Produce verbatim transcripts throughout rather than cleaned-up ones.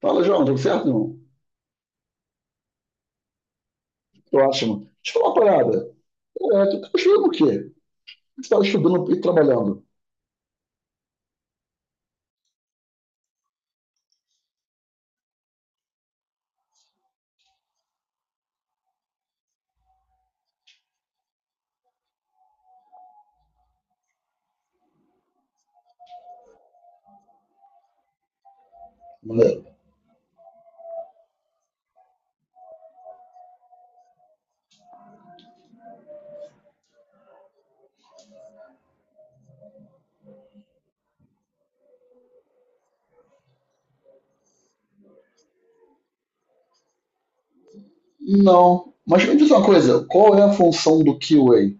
Fala, João, tudo certo, irmão? Tô ótimo. Deixa eu falar uma parada. É, tu tá estudando o quê? Você tá estudando e trabalhando? Maneiro. Não. Mas me diz uma coisa, qual é a função do Q A?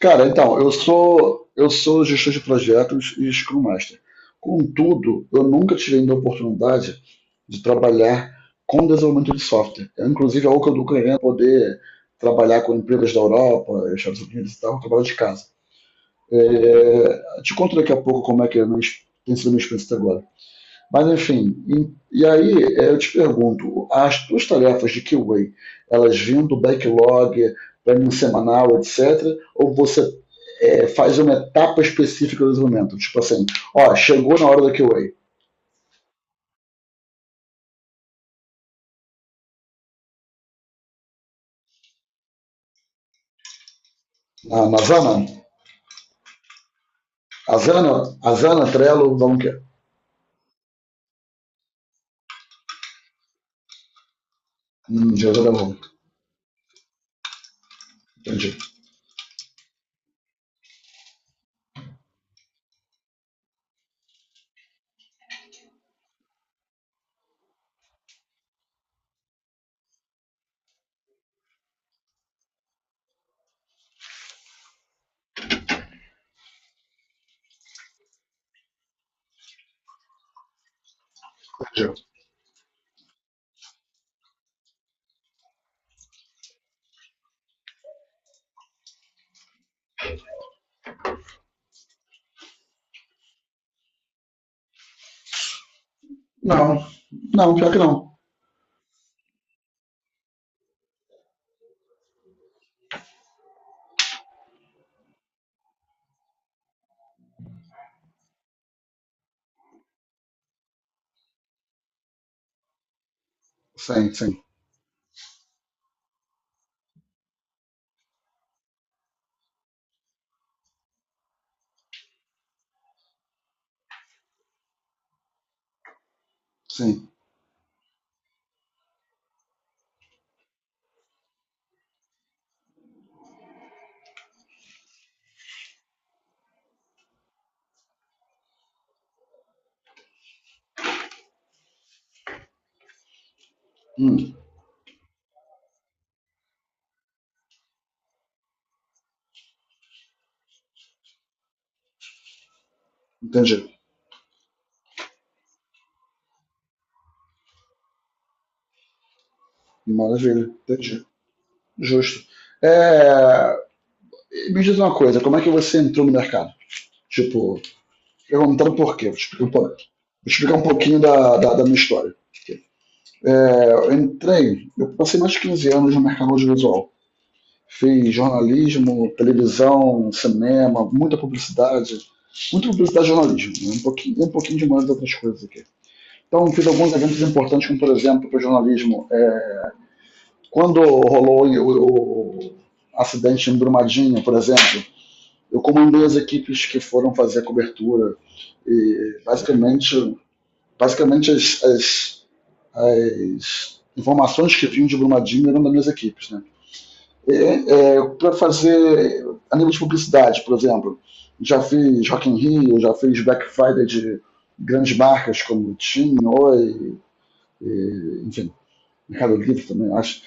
Cara, então, eu sou eu sou gestor de projetos e Scrum Master. Contudo, eu nunca tive ainda a oportunidade de trabalhar com desenvolvimento de software. É, inclusive, é algo que eu estou querendo poder trabalhar com empresas da Europa, Estados Unidos e tal, trabalhar de casa. É, te conto daqui a pouco como é que é a minha, tem sido a minha experiência até agora. Mas, enfim, em, e aí é, eu te pergunto, as tuas tarefas de Q A, elas vêm do backlog, planning semanal, etcétera, ou você é, faz uma etapa específica do desenvolvimento? Tipo assim, ó, chegou na hora da Q A. Na, na Zana, a Zana, a Zana, Trello, vamos que é. Hum, já tá bom. Entendi, entendi. Não, não, pior que não. Sim, sim, sim. Hum, Entendi. Maravilha, entendi. Justo. É, Me diz uma coisa, como é que você entrou no mercado? Tipo, perguntando por quê, vou te explicar um pouquinho, explicar um pouquinho da, da, da minha história. É, eu entrei, eu passei mais de quinze anos no mercado audiovisual. Fiz jornalismo, televisão, cinema, muita publicidade, muita publicidade e jornalismo, né? Um pouquinho, um pouquinho de mais outras coisas aqui. Então, fiz alguns eventos importantes, como por exemplo, para o jornalismo, quando rolou o, o acidente em Brumadinho, por exemplo, eu comandei as equipes que foram fazer a cobertura e basicamente, basicamente as, as, as informações que vinham de Brumadinho eram das minhas equipes, né? É, para fazer a nível de publicidade, por exemplo, já fiz Rock in Rio, já fiz Black Friday de grandes marcas como Tim, Oi, e, enfim, Mercado Livre também, acho.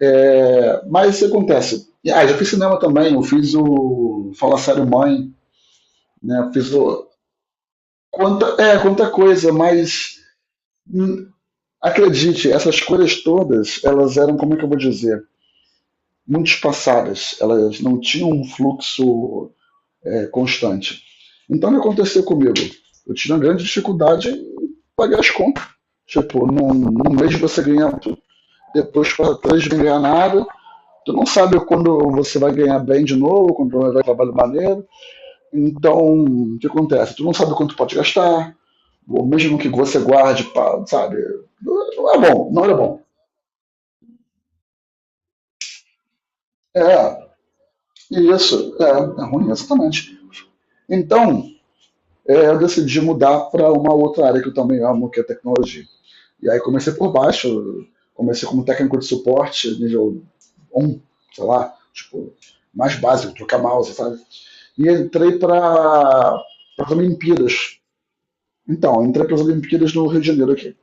É, mas isso acontece. E, Ah, já fiz cinema também, eu fiz o Fala Sério Mãe, né? Fiz o. Quanta, é, quanta coisa, mas hum, acredite, essas coisas todas, elas eram, como é que eu vou dizer? Muito espaçadas, elas não tinham um fluxo é, constante. Então o que aconteceu comigo? Eu tive uma grande dificuldade em pagar as contas. Tipo, num, num mês você ganha, depois para três não ganha nada. Tu não sabe quando você vai ganhar bem de novo, quando vai dar trabalho maneiro. Então, o que acontece? Tu não sabe quanto pode gastar, ou mesmo que você guarde, pra, sabe? Não é bom, não é bom. É, isso, é, é ruim, exatamente. Então, é, eu decidi mudar para uma outra área que eu também amo, que é tecnologia. E aí comecei por baixo, comecei como técnico de suporte, nível um, sei lá, tipo, mais básico, trocar mouse, sabe? E entrei para as Olimpíadas. Então, entrei para as Olimpíadas no Rio de Janeiro aqui,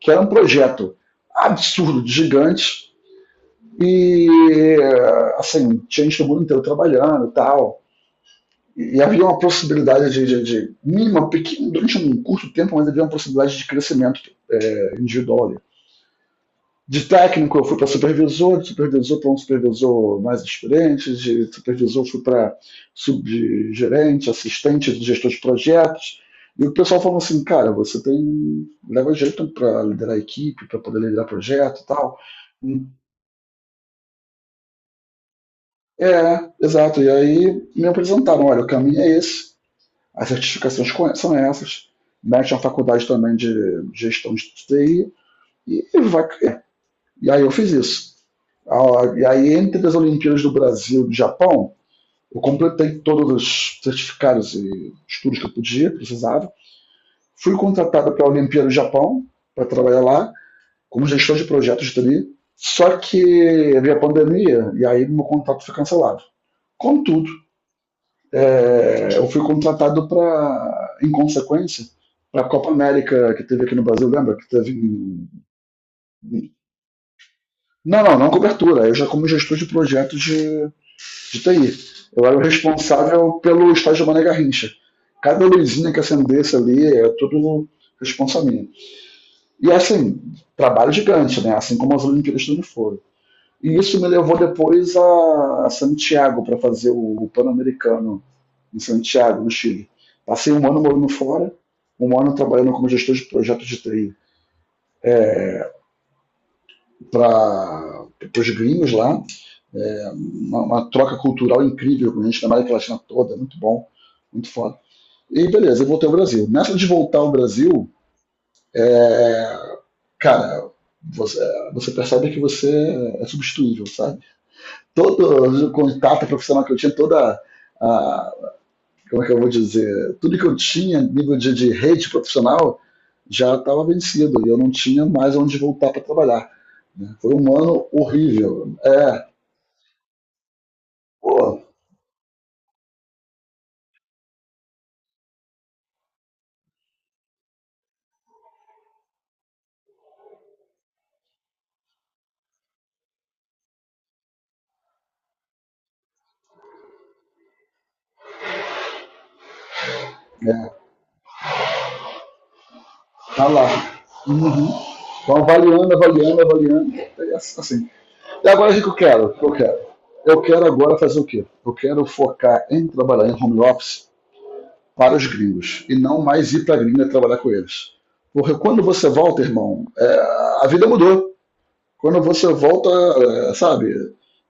que era um projeto absurdo, gigante, e assim, tinha gente do mundo inteiro trabalhando e tal. E havia uma possibilidade de, de, de mínima, pequena, durante um curto tempo, mas havia uma possibilidade de crescimento é, individual. De técnico eu fui para supervisor, de supervisor para um supervisor mais experiente, de supervisor fui para subgerente, assistente de gestor de projetos. E o pessoal falou assim, cara, você tem leva jeito para liderar a equipe, para poder liderar projeto e tal. É, exato. E aí me apresentaram, olha, o caminho é esse, as certificações são essas, mete uma faculdade também de gestão de T I e vai. E aí eu fiz isso. Ah, E aí, entre as Olimpíadas do Brasil e do Japão, eu completei todos os certificados e estudos que eu podia, precisava. Fui contratado para a Olimpíada do Japão, para trabalhar lá, como gestor de projetos ali. Só que veio a pandemia e aí meu contrato foi cancelado. Contudo, é, eu fui contratado para, em consequência, para a Copa América que teve aqui no Brasil, lembra? Que teve. Não, não, não cobertura. Eu já como gestor de projetos de de T I. Eu era o responsável pelo estágio Mané Garrincha. Cada luzinha que acendesse ali é tudo responsa minha. E assim, trabalho gigante, né? Assim como as Olimpíadas também foram. E isso me levou depois a, a Santiago para fazer o, o Pan-Americano em Santiago, no Chile. Passei um ano morando fora, um ano trabalhando como gestor de projetos de T I para os gringos lá. Uma, uma, troca cultural incrível com a gente na América Latina toda, muito bom, muito foda. E beleza, eu voltei ao Brasil. Nessa de voltar ao Brasil, é, cara, você, você percebe que você é substituível, sabe? Todo o contato profissional que eu tinha, toda a. Como é que eu vou dizer? Tudo que eu tinha a nível de, de rede profissional já estava vencido e eu não tinha mais onde voltar para trabalhar, né? Foi um ano horrível. É, pô, é, tá lá. Então, avaliando, avaliando, avaliando. É, Assim, E agora o que eu quero? eu quero? Eu quero agora fazer o quê? Eu quero focar em trabalhar em home office para os gringos e não mais ir para a gringa trabalhar com eles. Porque quando você volta, irmão, é, a vida mudou. Quando você volta, é, sabe,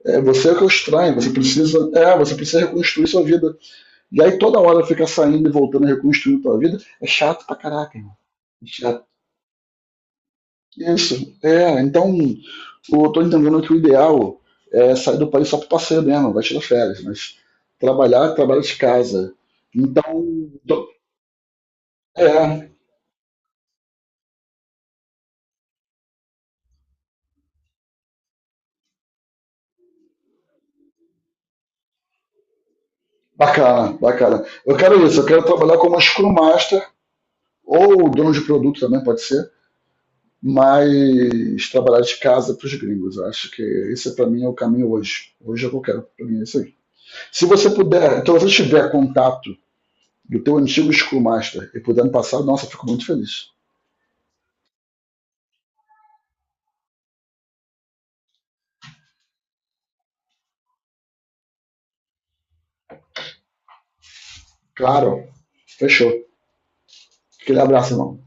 é, você é que é o estranho, você precisa, é, você precisa reconstruir sua vida. E aí toda hora fica saindo e voltando reconstruindo sua vida, é chato pra caraca, irmão. É chato. Isso. É, então, eu tô entendendo que o ideal é sair do país só para passeio mesmo, vai tirar férias, mas trabalhar, trabalho de casa. Então, tô- é, Bacana, bacana. Eu quero isso, eu quero trabalhar como Scrum Master ou dono de produto também, pode ser, mas trabalhar de casa para os gringos. Eu acho que esse para mim é o caminho hoje. Hoje é o que eu quero para mim, é isso aí. Se você puder, então se você tiver contato do teu antigo Scrum Master e puder me passar, nossa, eu fico muito feliz. Claro, fechou. Aquele abraço, irmão.